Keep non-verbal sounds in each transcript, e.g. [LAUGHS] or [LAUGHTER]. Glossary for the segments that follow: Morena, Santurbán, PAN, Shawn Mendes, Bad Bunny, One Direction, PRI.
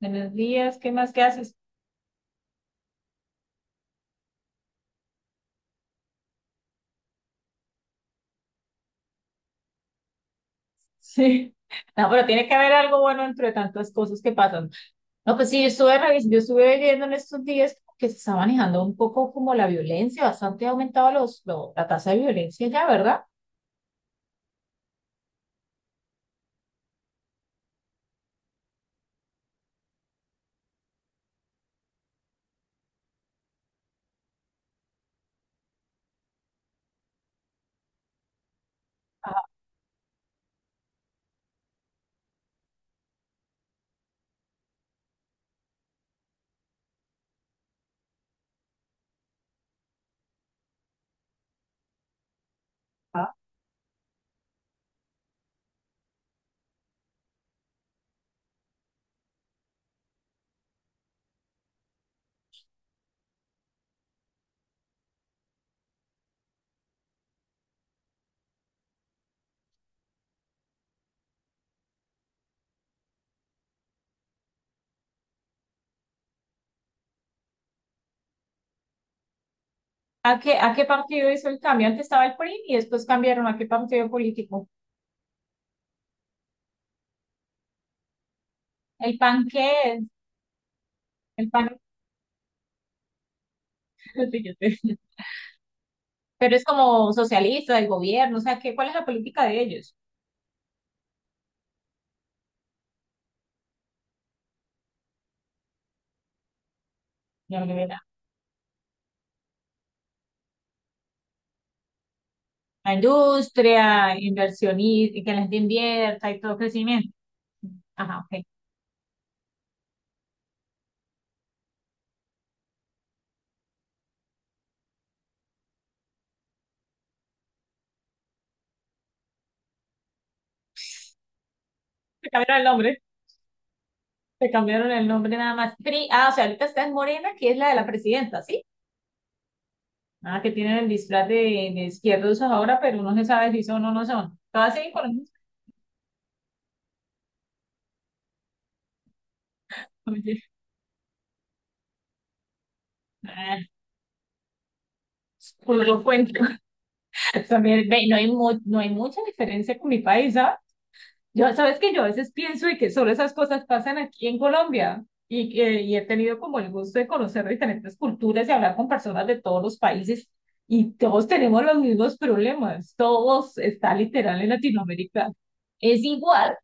Buenos días, ¿qué más que haces? [LAUGHS] Sí. No, pero tiene que haber algo bueno entre tantas cosas que pasan. No, pues sí, yo estuve, yo estuve viendo en estos días que se está manejando un poco como la violencia, bastante ha aumentado la tasa de violencia ya, ¿verdad? Ah, a qué partido hizo el cambio? Antes estaba el PRI y después cambiaron a qué partido político. ¿El PAN qué es? El PAN, [LAUGHS] pero es como socialista, el gobierno, o sea, ¿qué, cuál es la política de ellos? La industria, inversionista, y que la gente invierta y todo crecimiento. Ajá, ok. Te cambiaron el nombre, te cambiaron el nombre nada más. O sea, ahorita está en Morena, que es la de la presidenta, ¿sí? Ah, que tienen el disfraz de izquierdos ahora, pero no se sabe si son o no son. Todas siguen con el mismo... Ah, por lo cuento. [LAUGHS] También, ve, no hay mucha diferencia con mi país, ¿sabes? Yo, sabes que yo a veces pienso y que solo esas cosas pasan aquí en Colombia y y he tenido como el gusto de conocer diferentes culturas y hablar con personas de todos los países y todos tenemos los mismos problemas, todos está literal en Latinoamérica, es igual,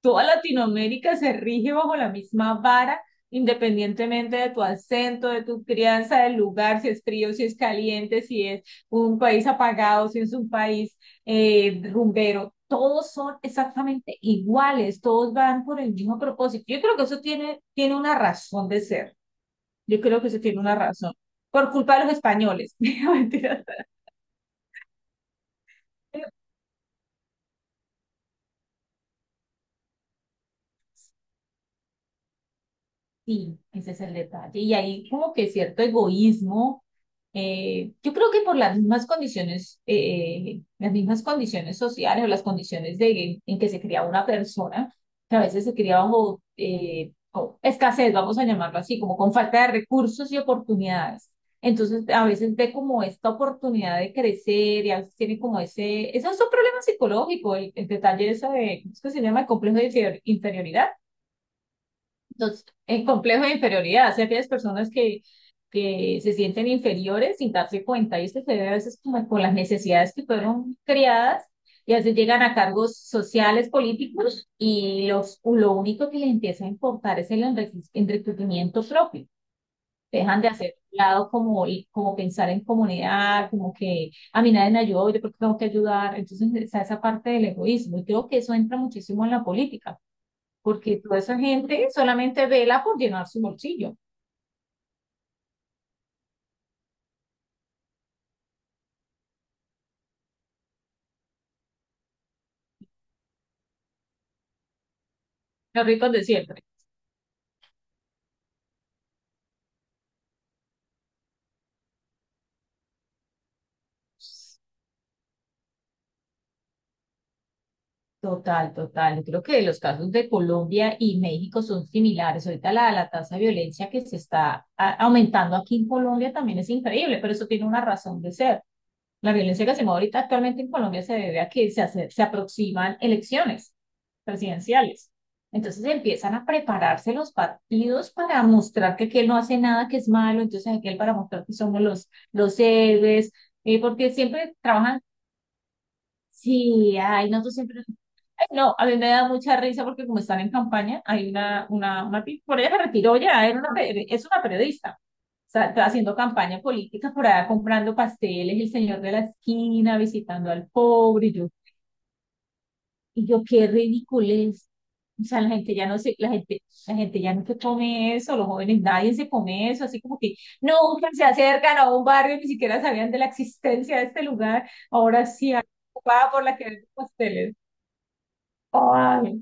toda Latinoamérica se rige bajo la misma vara, independientemente de tu acento, de tu crianza, del lugar, si es frío, si es caliente, si es un país apagado, si es un país rumbero. Todos son exactamente iguales, todos van por el mismo propósito. Yo creo que eso tiene, tiene una razón de ser. Yo creo que eso tiene una razón. Por culpa de los españoles. [LAUGHS] No, mentira. Sí, ese es el detalle. Y hay como que cierto egoísmo. Yo creo que por las mismas condiciones sociales o las condiciones de, en que se cría una persona, que a veces se cría bajo o escasez, vamos a llamarlo así, como con falta de recursos y oportunidades. Entonces, a veces ve como esta oportunidad de crecer y a veces tiene como ese es un problema psicológico, el detalle eso de, ¿cómo es que se llama? El complejo de inferioridad, los- en complejo de inferioridad, hacia aquellas personas que se sienten inferiores sin darse cuenta, y esto se ve a veces como con las necesidades que fueron creadas y a veces llegan a cargos sociales, políticos, y lo único que les empieza a importar es el enriquecimiento propio. Dejan de hacer un lado como, y como pensar en comunidad, como que a mí nadie me ayudó, yo porque tengo que ayudar. Entonces está esa parte del egoísmo, y creo que eso entra muchísimo en la política porque toda esa gente solamente vela por llenar su bolsillo, los ricos de siempre. Total, total. Yo creo que los casos de Colombia y México son similares. Ahorita la tasa de violencia que se está aumentando aquí en Colombia también es increíble, pero eso tiene una razón de ser. La violencia que se mueve ahorita actualmente en Colombia se debe a que se aproximan elecciones presidenciales. Entonces empiezan a prepararse los partidos para mostrar que aquel no hace nada que es malo, entonces aquel para mostrar que somos los héroes, porque siempre trabajan. Sí, ay, no, tú siempre. Ay, no, a mí me da mucha risa porque como están en campaña, hay por ella se retiró ya, era es una periodista. O sea, está haciendo campaña política por allá comprando pasteles, el señor de la esquina, visitando al pobre, y yo, qué ridiculez. O sea, la gente ya no se come eso, los jóvenes, nadie se come eso, así como que nunca se acercan a un barrio, ni siquiera sabían de la existencia de este lugar, ahora sí, ocupada por la que vende pasteles. Ay,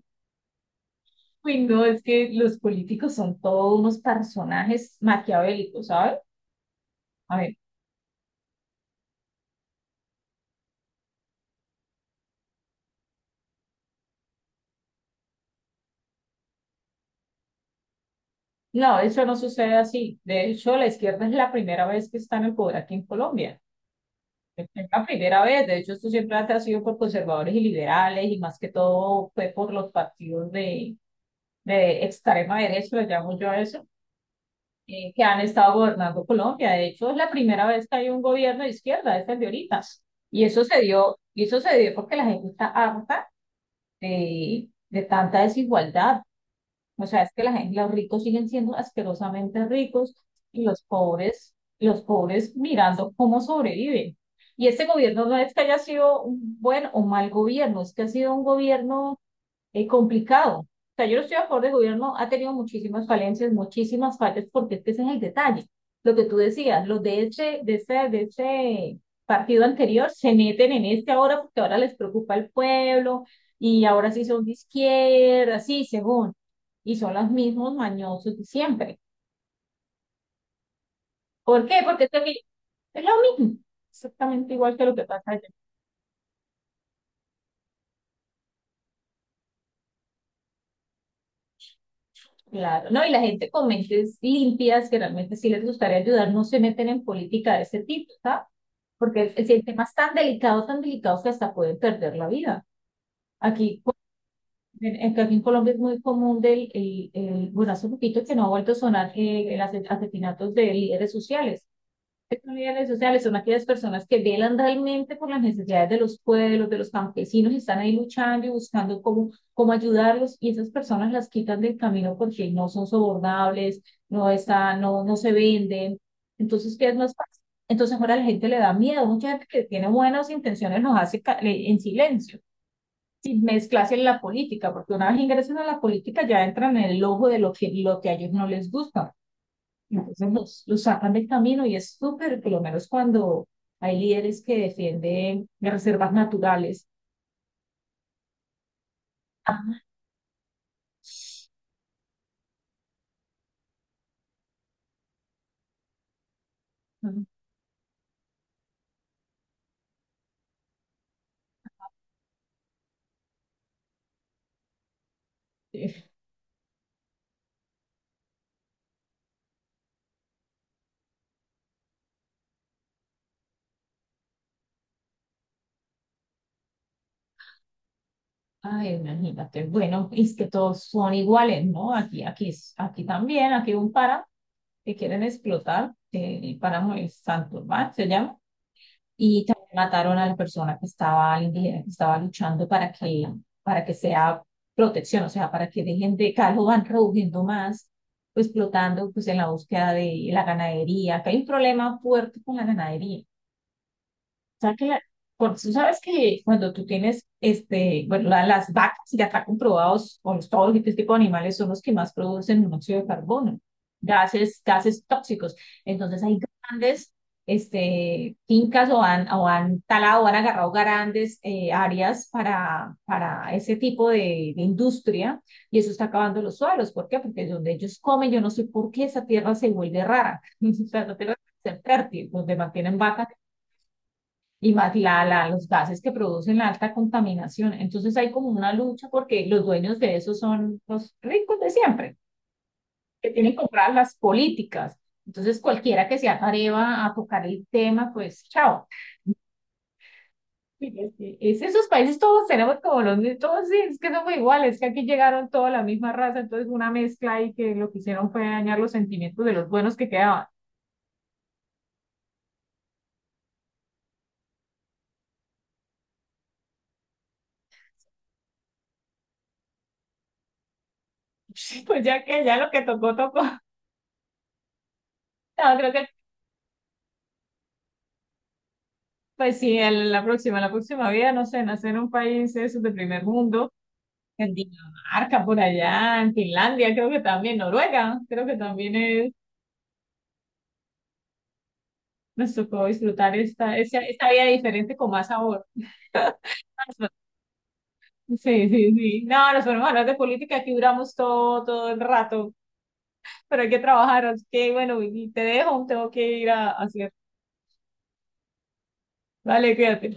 uy, no, es que los políticos son todos unos personajes maquiavélicos, ¿sabes? A ver, no, eso no sucede así. De hecho, la izquierda es la primera vez que está en el poder aquí en Colombia. Es la primera vez. De hecho, esto siempre ha sido por conservadores y liberales y más que todo fue por los partidos de extrema derecha, lo llamo yo a eso, que han estado gobernando Colombia. De hecho, es la primera vez que hay un gobierno de izquierda, es el de ahorita. Y eso se dio porque la gente está harta de tanta desigualdad. O sea, es que la gente, los ricos siguen siendo asquerosamente ricos y los pobres mirando cómo sobreviven. Y este gobierno no es que haya sido un buen o mal gobierno, es que ha sido un gobierno complicado. O sea, yo no estoy a favor del gobierno, ha tenido muchísimas falencias, muchísimas fallas, porque es que ese es el detalle. Lo que tú decías, los de de ese partido anterior se meten en este ahora porque ahora les preocupa el pueblo y ahora sí son de izquierda, así según. Y son los mismos mañosos de siempre. ¿Por qué? Porque es que aquí es lo mismo, exactamente igual que lo que pasa allá. Claro, ¿no? Y la gente con mentes limpias que realmente sí les gustaría ayudar no se meten en política de ese tipo, ¿sabes? Porque el tema es tan delicado que hasta pueden perder la vida. Aquí, aquí en Colombia es muy común bueno, hace poquito que no ha vuelto a sonar el asesinatos de líderes sociales. Estos líderes sociales son aquellas personas que velan realmente por las necesidades de los pueblos, de los campesinos, y están ahí luchando y buscando cómo, cómo ayudarlos y esas personas las quitan del camino porque no son sobornables, no están, no, no se venden. Entonces, ¿qué es más fácil? Entonces ahora a la gente le da miedo, mucha gente que tiene buenas intenciones los hace en silencio, sin mezclarse en la política, porque una vez ingresan a la política ya entran en el ojo de lo que a ellos no les gusta. Entonces los sacan del camino y es súper, por lo menos cuando hay líderes que defienden las reservas naturales. Ujú. Sí. Ay, imagínate. Bueno, es que todos son iguales, ¿no? Aquí también, aquí hay un páramo que quieren explotar. Eh, el páramo es Santurbán, se llama. Y también mataron a la persona que estaba, al indígena, que estaba luchando para para que sea protección, o sea, para que dejen de, cada vez lo van reduciendo más, pues, explotando pues, en la búsqueda de la ganadería, que hay un problema fuerte con la ganadería, sea que la- por- tú sabes que cuando tú tienes, este, bueno, la- las vacas ya está comprobados, o los- todos este tipo de animales son los que más producen monóxido de carbono, gases, gases tóxicos. Entonces hay grandes, este, fincas o han talado, o han agarrado grandes áreas para ese tipo de industria y eso está acabando los suelos. ¿Por qué? Porque donde ellos comen, yo no sé por qué esa tierra se vuelve rara. [LAUGHS] O sea, esa tierra es fértil, donde mantienen vacas y más los gases que producen la alta contaminación. Entonces hay como una lucha porque los dueños de eso son los ricos de siempre, que tienen compradas las políticas. Entonces cualquiera que se atreva a tocar el tema, pues chao. Y es que esos países todos tenemos como los mismos, todos sí, es que somos iguales, es que aquí llegaron toda la misma raza, entonces una mezcla y que lo que hicieron fue dañar los sentimientos de los buenos que quedaban. [LAUGHS] Pues ya que ya lo que tocó, tocó. No, creo que... Pues sí, la próxima vida, no sé, nacer en un país de esos de primer mundo, en Dinamarca, por allá, en Finlandia, creo que también, Noruega, creo que también es, nos tocó disfrutar esta, esta, esta vida diferente con más sabor. Sí, sí, sí. No, nos ponemos a hablar de política, aquí duramos todo, todo el rato, pero hay que trabajar, así que bueno, y te dejo, tengo que ir a hacer. Vale, cuídate.